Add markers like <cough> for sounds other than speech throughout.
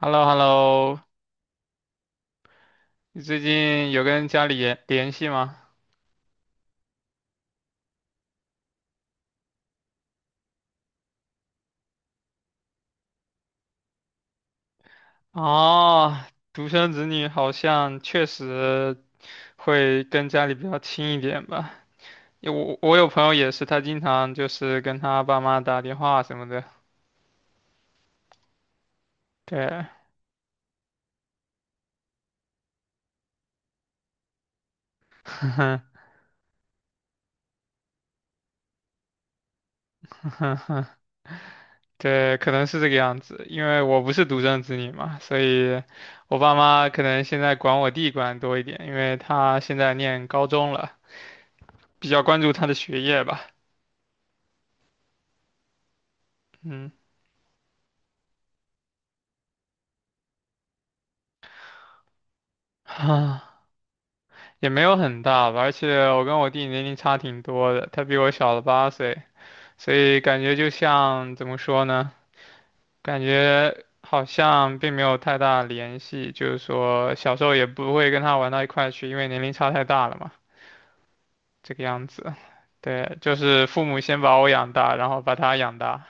h e l l o h e l l o 你最近有跟家里联系吗？哦，独生子女好像确实会跟家里比较亲一点吧。因为我有朋友也是，他经常就是跟他爸妈打电话什么的。对，<laughs> 对，可能是这个样子。因为我不是独生子女嘛，所以我爸妈可能现在管我弟管得多一点，因为他现在念高中了，比较关注他的学业吧。嗯，<sighs> 也没有很大吧，而且我跟我弟年龄差挺多的，他比我小了8岁，所以感觉就像怎么说呢？感觉好像并没有太大联系，就是说小时候也不会跟他玩到一块去，因为年龄差太大了嘛，这个样子。对，就是父母先把我养大，然后把他养大。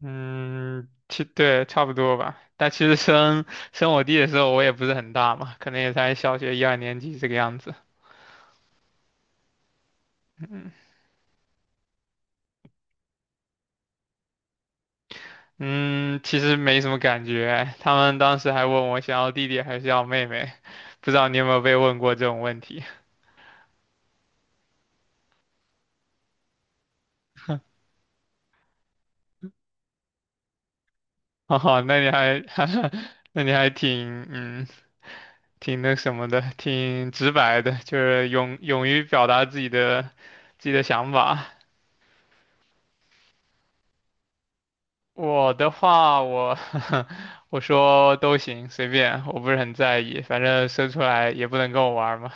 嗯，其对，差不多吧。但其实生我弟的时候，我也不是很大嘛，可能也才小学一二年级这个样子。嗯嗯，其实没什么感觉。他们当时还问我想要弟弟还是要妹妹，不知道你有没有被问过这种问题？<laughs> 哦，那你还，<laughs> 那你还挺，嗯，挺那什么的，挺直白的，就是勇于表达自己的自己的想法。我的话，我 <laughs> 我说都行，随便，我不是很在意，反正生出来也不能跟我玩儿嘛。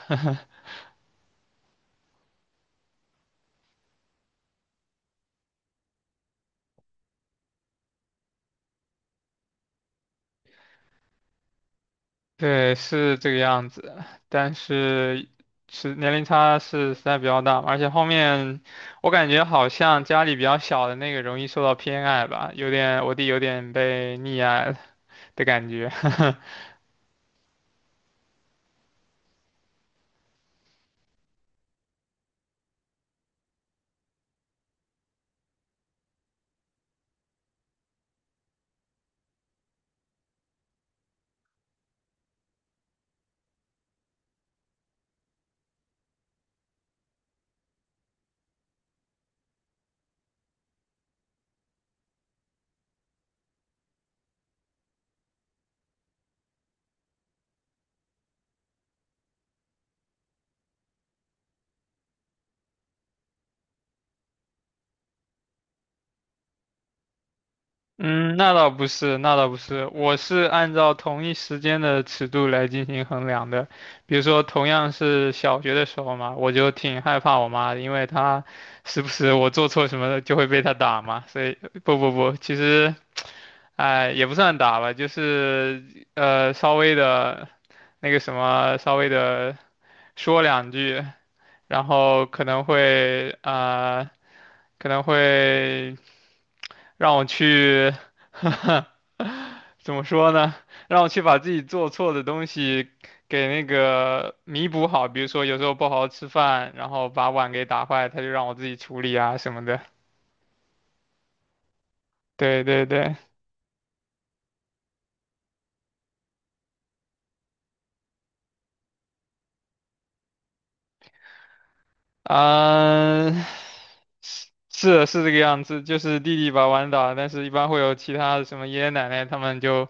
对，是这个样子，但是是年龄差是实在比较大嘛而且后面我感觉好像家里比较小的那个容易受到偏爱吧，有点我弟有点被溺爱了的感觉。<laughs> 嗯，那倒不是，那倒不是，我是按照同一时间的尺度来进行衡量的。比如说，同样是小学的时候嘛，我就挺害怕我妈的，因为她时不时我做错什么就会被她打嘛。所以，不不不，其实。哎，也不算打吧，就是稍微的，那个什么，稍微的说两句，然后可能会让我去，<laughs> 怎么说呢？让我去把自己做错的东西给那个弥补好，比如说有时候不好好吃饭，然后把碗给打坏，他就让我自己处理啊什么的。对对对。啊，是是这个样子，就是弟弟把碗打，但是一般会有其他的什么爷爷奶奶他们就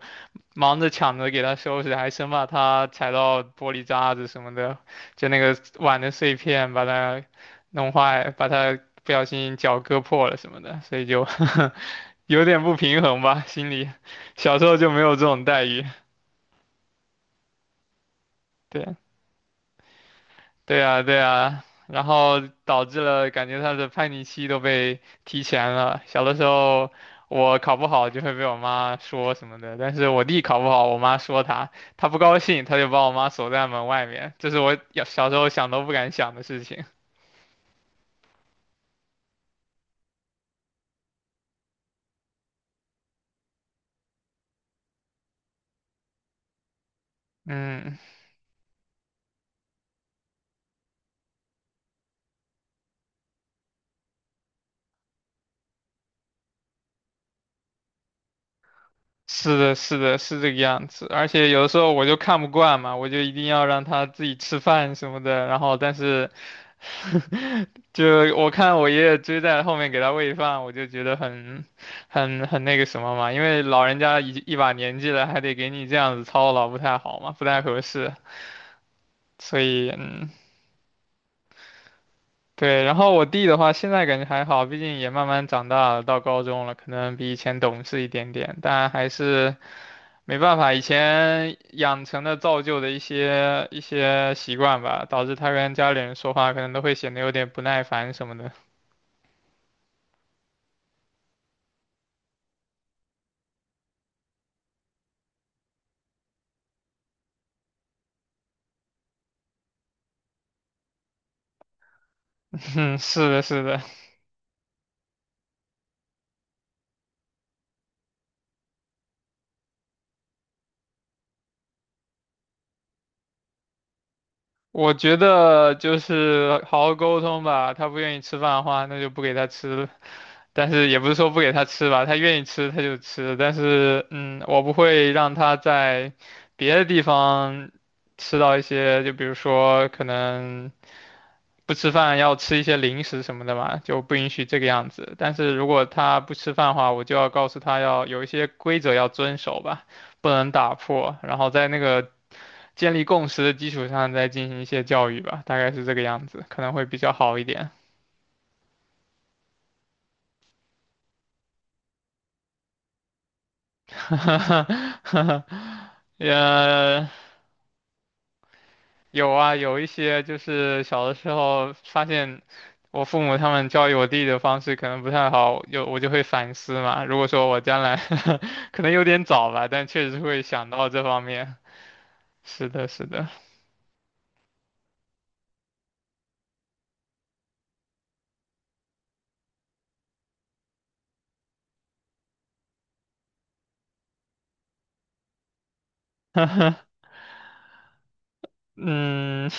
忙着抢着给他收拾，还生怕他踩到玻璃渣子什么的，就那个碗的碎片把它弄坏，把它不小心脚割破了什么的，所以就 <laughs> 有点不平衡吧，心里小时候就没有这种待遇，对。对啊，对啊，然后导致了感觉他的叛逆期都被提前了。小的时候我考不好就会被我妈说什么的，但是我弟考不好，我妈说他，他不高兴，他就把我妈锁在门外面，这是我小时候想都不敢想的事情。嗯。是的，是的，是这个样子。而且有的时候我就看不惯嘛，我就一定要让他自己吃饭什么的。然后，但是 <laughs> 就我看我爷爷追在后面给他喂饭，我就觉得很那个什么嘛，因为老人家一把年纪了，还得给你这样子操劳，不太好嘛，不太合适。所以，嗯，对。然后我弟的话，现在感觉还好，毕竟也慢慢长大了，到高中了，可能比以前懂事一点点，但还是。没办法，以前养成的造就的一些习惯吧，导致他跟家里人说话可能都会显得有点不耐烦什么的。<laughs> 嗯，是的，是的，我觉得就是好好沟通吧。他不愿意吃饭的话，那就不给他吃了但是也不是说不给他吃吧，他愿意吃他就吃。但是，嗯，我不会让他在别的地方吃到一些，就比如说可能。不吃饭要吃一些零食什么的嘛，就不允许这个样子。但是如果他不吃饭的话，我就要告诉他要有一些规则要遵守吧，不能打破，然后在那个建立共识的基础上再进行一些教育吧，大概是这个样子，可能会比较好一点。<laughs> 呃，有啊，有一些就是小的时候发现我父母他们教育我弟的方式可能不太好，有我就会反思嘛。如果说我将来 <laughs> 可能有点早吧，但确实会想到这方面。是的，是的，嗯，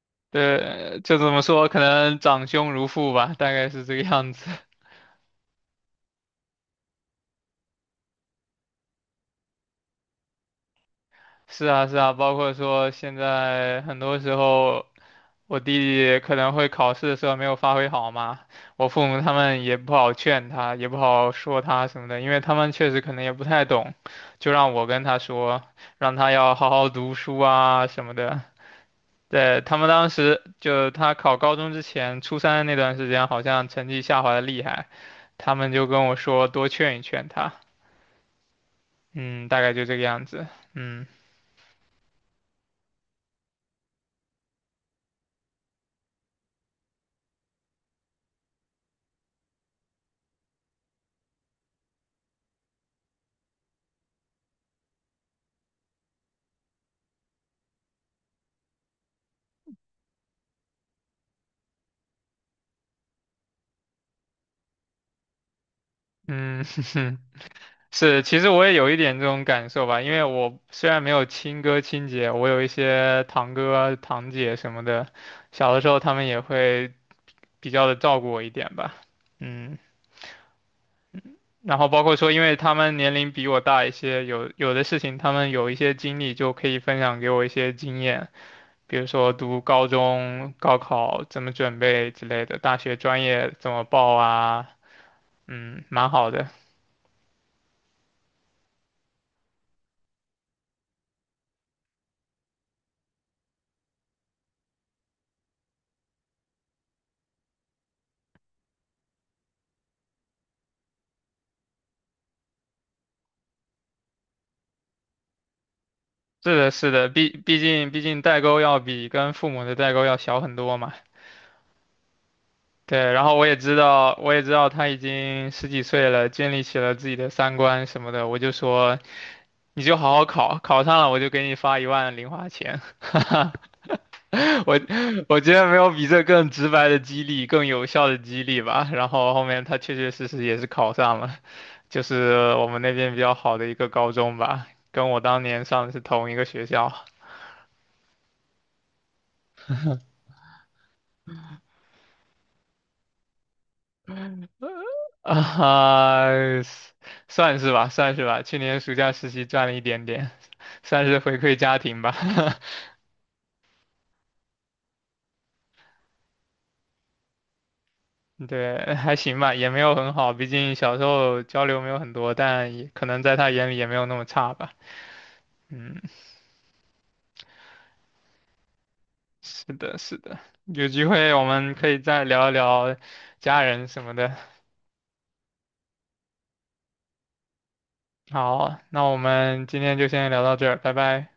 <laughs> 对，就这么说，可能长兄如父吧，大概是这个样子。是啊，是啊，包括说现在很多时候，我弟弟可能会考试的时候没有发挥好嘛，我父母他们也不好劝他，也不好说他什么的，因为他们确实可能也不太懂，就让我跟他说，让他要好好读书啊什么的。对，他们当时就他考高中之前，初三那段时间好像成绩下滑的厉害，他们就跟我说多劝一劝他，嗯，大概就这个样子，嗯嗯。<laughs> 是，其实我也有一点这种感受吧，因为我虽然没有亲哥亲姐，我有一些堂哥啊堂姐什么的，小的时候他们也会比较的照顾我一点吧，嗯，然后包括说，因为他们年龄比我大一些，有的事情他们有一些经历就可以分享给我一些经验，比如说读高中、高考怎么准备之类的，大学专业怎么报啊，嗯，蛮好的。是的，是的，毕竟代沟要比跟父母的代沟要小很多嘛。对，然后我也知道，我也知道他已经十几岁了，建立起了自己的三观什么的。我就说，你就好好考，考上了我就给你发1万零花钱。<laughs> 我我觉得没有比这更直白的激励，更有效的激励吧。然后后面他确确实实也是考上了，就是我们那边比较好的一个高中吧，跟我当年上的是同一个学校。<laughs> 啊，算是吧，算是吧。去年暑假实习赚了一点点，算是回馈家庭吧。<laughs> 对，还行吧，也没有很好，毕竟小时候交流没有很多，但也可能在他眼里也没有那么差吧。嗯，是的，是的。有机会我们可以再聊一聊家人什么的。好，那我们今天就先聊到这儿，拜拜。